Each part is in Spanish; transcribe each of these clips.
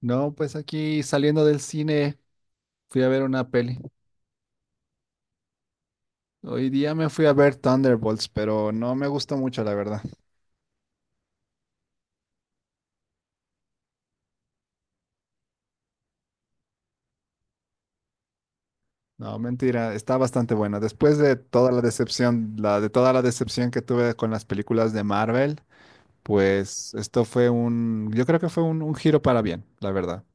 No, pues aquí saliendo del cine fui a ver una peli. Hoy día me fui a ver Thunderbolts, pero no me gustó mucho, la verdad. No, mentira, está bastante buena. Después de la de toda la decepción que tuve con las películas de Marvel, pues yo creo que fue un giro para bien, la verdad.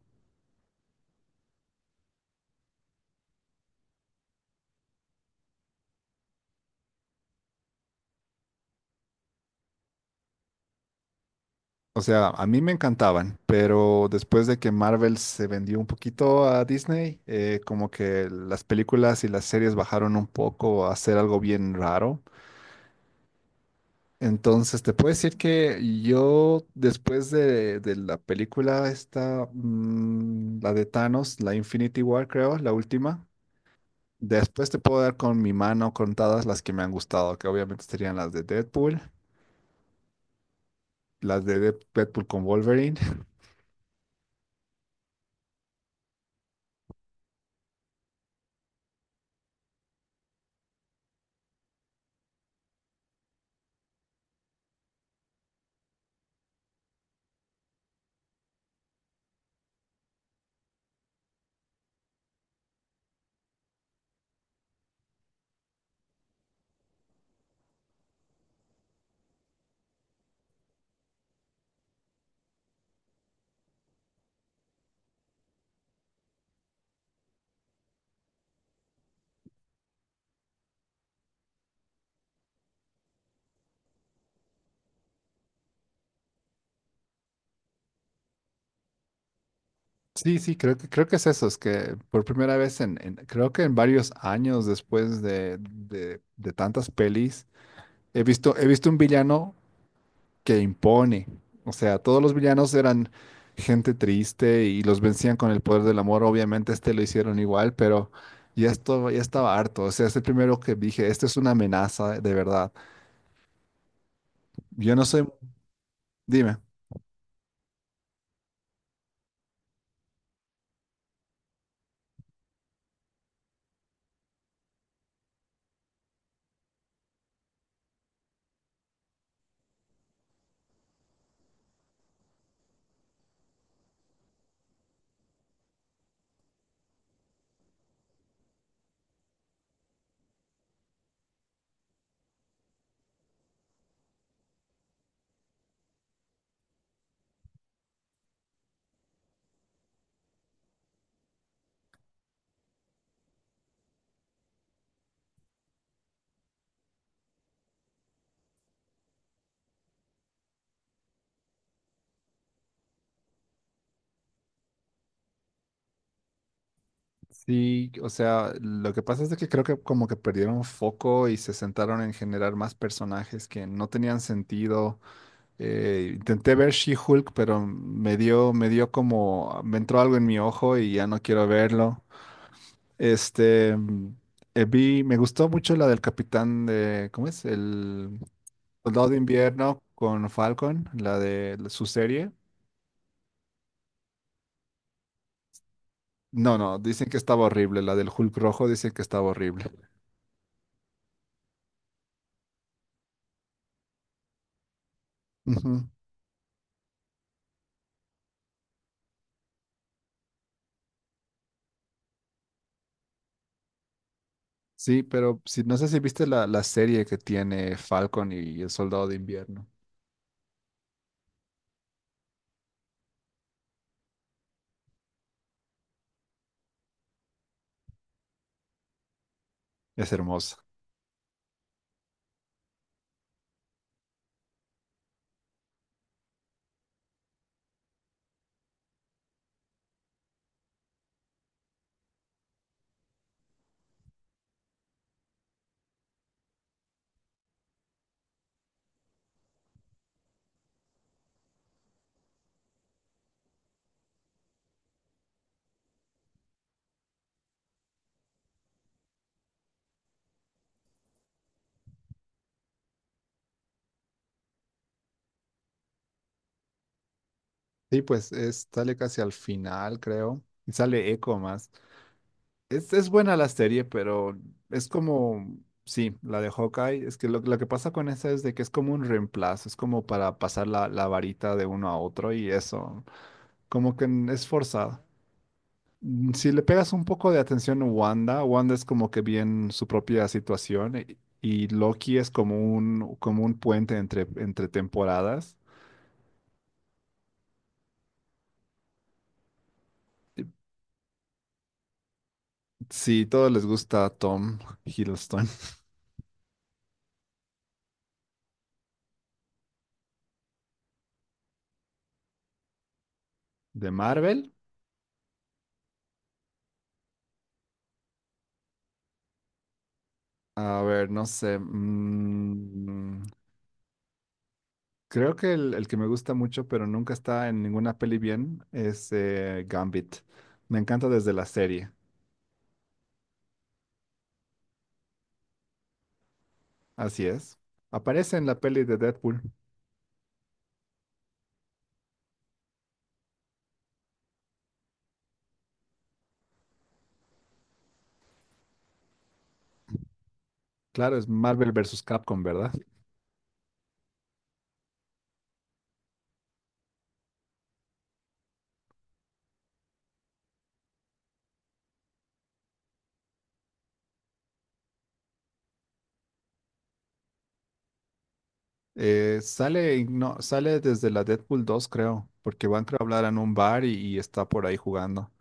O sea, a mí me encantaban, pero después de que Marvel se vendió un poquito a Disney, como que las películas y las series bajaron un poco a hacer algo bien raro. Entonces, te puedo decir que yo, después de la película esta, la de Thanos, la Infinity War, creo, la última, después te puedo dar con mi mano contadas las que me han gustado, que obviamente serían las de Deadpool, las de Deadpool con Wolverine. Sí, sí, creo que es eso, es que por primera vez creo que en varios años después de tantas pelis, he visto un villano que impone. O sea, todos los villanos eran gente triste y los vencían con el poder del amor. Obviamente este lo hicieron igual, pero ya esto ya estaba harto. O sea, es el primero que dije, este es una amenaza de verdad. Yo no soy, dime. Sí, o sea, lo que pasa es de que creo que como que perdieron foco y se sentaron en generar más personajes que no tenían sentido. Intenté ver She-Hulk, pero me dio como, me entró algo en mi ojo y ya no quiero verlo. Este, mm, me gustó mucho la del capitán de, ¿cómo es? El soldado de invierno con Falcon, la de su serie. No, no, dicen que estaba horrible. La del Hulk rojo dicen que estaba horrible. Ujú. Sí, pero si, no sé si viste la serie que tiene Falcon y el soldado de invierno. Es hermosa. Sí, pues sale casi al final, creo. Y sale Echo más. Es buena la serie, pero es como, sí, la de Hawkeye, es que lo que pasa con esa es de que es como un reemplazo, es como para pasar la varita de uno a otro y eso, como que es forzado. Si le pegas un poco de atención a Wanda, Wanda es como que bien su propia situación y Loki es como como un puente entre temporadas. Sí, todos les gusta Tom Hiddleston de Marvel. A ver, no sé. Creo que el que me gusta mucho, pero nunca está en ninguna peli bien, es Gambit. Me encanta desde la serie. Así es. Aparece en la peli de Deadpool. Claro, es Marvel versus Capcom, ¿verdad? Sale, no, sale desde la Deadpool 2, creo, porque van creo, a hablar en un bar y está por ahí jugando.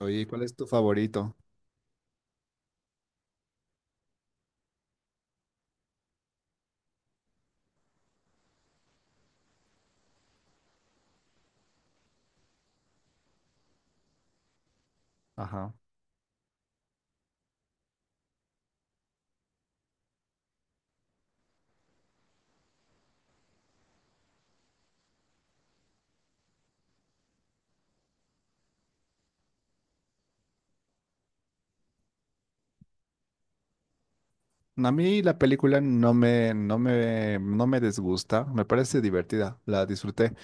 Oye, ¿cuál es tu favorito? Ajá. A mí la película no me disgusta, me parece divertida, la disfruté.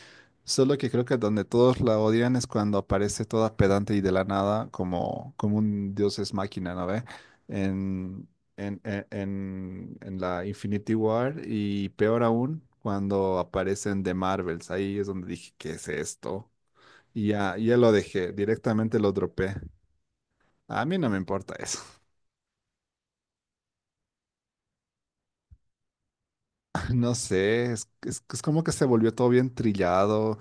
Solo que creo que donde todos la odian es cuando aparece toda pedante y de la nada como un dios es máquina, ¿no ve? En, en la Infinity War y peor aún cuando aparecen de Marvels. Ahí es donde dije, ¿qué es esto? Y ya, ya lo dejé, directamente lo dropé. A mí no me importa eso. No sé, es como que se volvió todo bien trillado.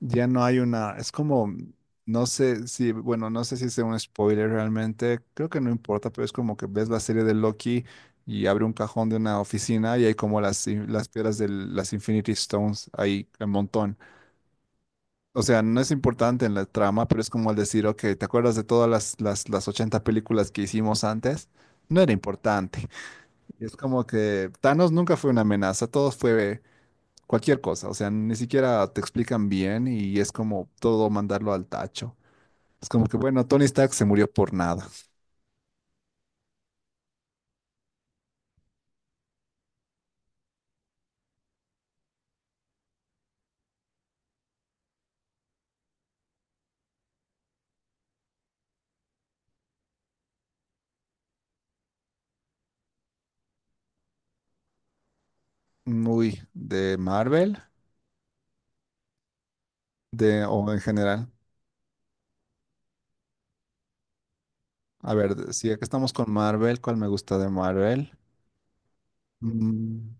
Ya no hay una, es como, no sé si sea un spoiler realmente, creo que no importa, pero es como que ves la serie de Loki y abre un cajón de una oficina y hay como las piedras de las Infinity Stones ahí un montón. O sea, no es importante en la trama, pero es como el decir, ok, ¿te acuerdas de todas las 80 películas que hicimos antes? No era importante. Y es como que Thanos nunca fue una amenaza, todo fue cualquier cosa, o sea, ni siquiera te explican bien y es como todo mandarlo al tacho. Es como que, bueno, Tony Stark se murió por nada. Muy de Marvel, o en general. A ver, si aquí estamos con Marvel, ¿cuál me gusta de Marvel? Mm,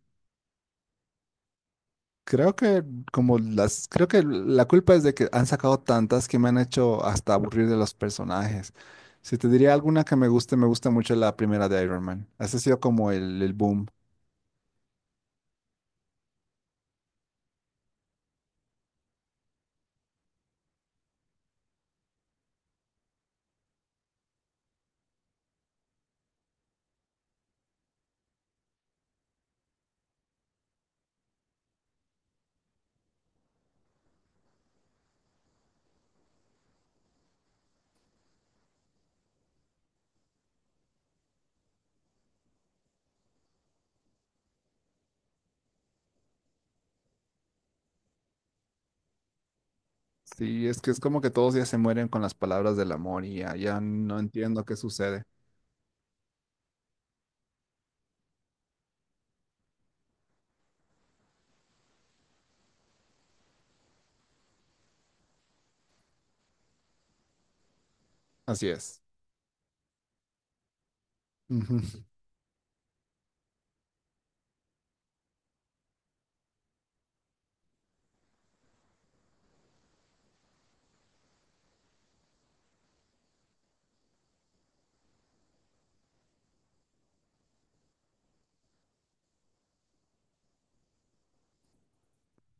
creo que creo que la culpa es de que han sacado tantas que me han hecho hasta aburrir de los personajes. Si te diría alguna que me guste, me gusta mucho la primera de Iron Man. Ese ha sido como el boom. Sí, es que es como que todos ya se mueren con las palabras del amor y ya, ya no entiendo qué sucede. Así es. Ujú.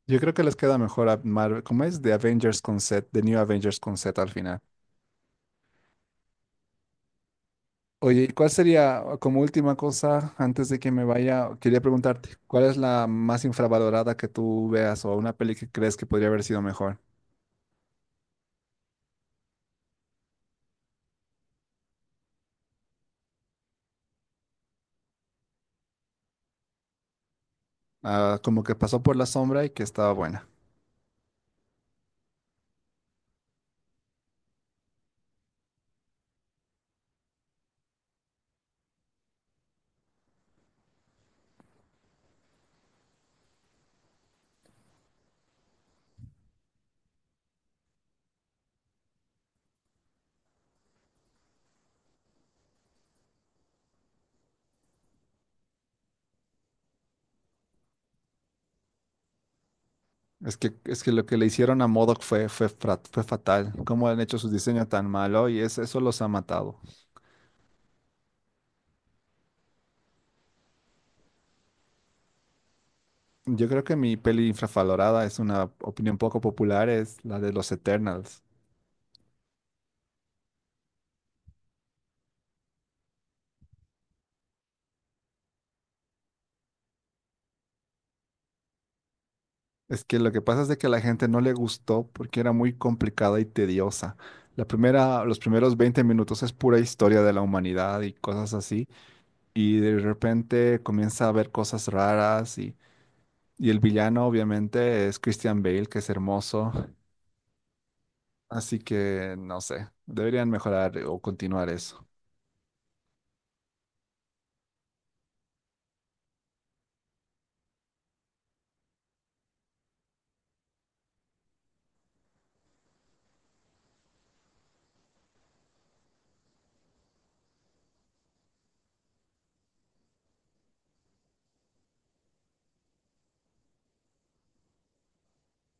Yo creo que les queda mejor a Marvel. ¿Cómo es? The Avengers Concept, The New Avengers Concept al final. Oye, ¿y cuál sería, como última cosa, antes de que me vaya, quería preguntarte, cuál es la más infravalorada que tú veas o una peli que crees que podría haber sido mejor? Ah, como que pasó por la sombra y que estaba buena. Es que lo que le hicieron a MODOK fue fatal. Cómo han hecho su diseño tan malo y eso los ha matado. Yo creo que mi peli infravalorada es una opinión poco popular, es la de los Eternals. Es que lo que pasa es de que a la gente no le gustó porque era muy complicada y tediosa. La primera, los primeros 20 minutos es pura historia de la humanidad y cosas así. Y de repente comienza a haber cosas raras y el villano obviamente es Christian Bale, que es hermoso. Así que no sé, deberían mejorar o continuar eso.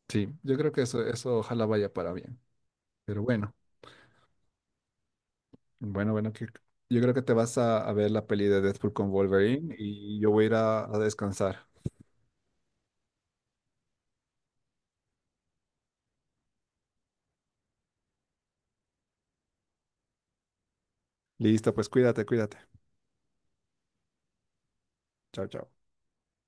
Sí, yo creo que eso ojalá vaya para bien. Pero bueno. Bueno, bueno, que yo creo que te vas a ver la peli de Deadpool con Wolverine y yo voy a ir a descansar. Listo, pues cuídate, cuídate. Chao, chao.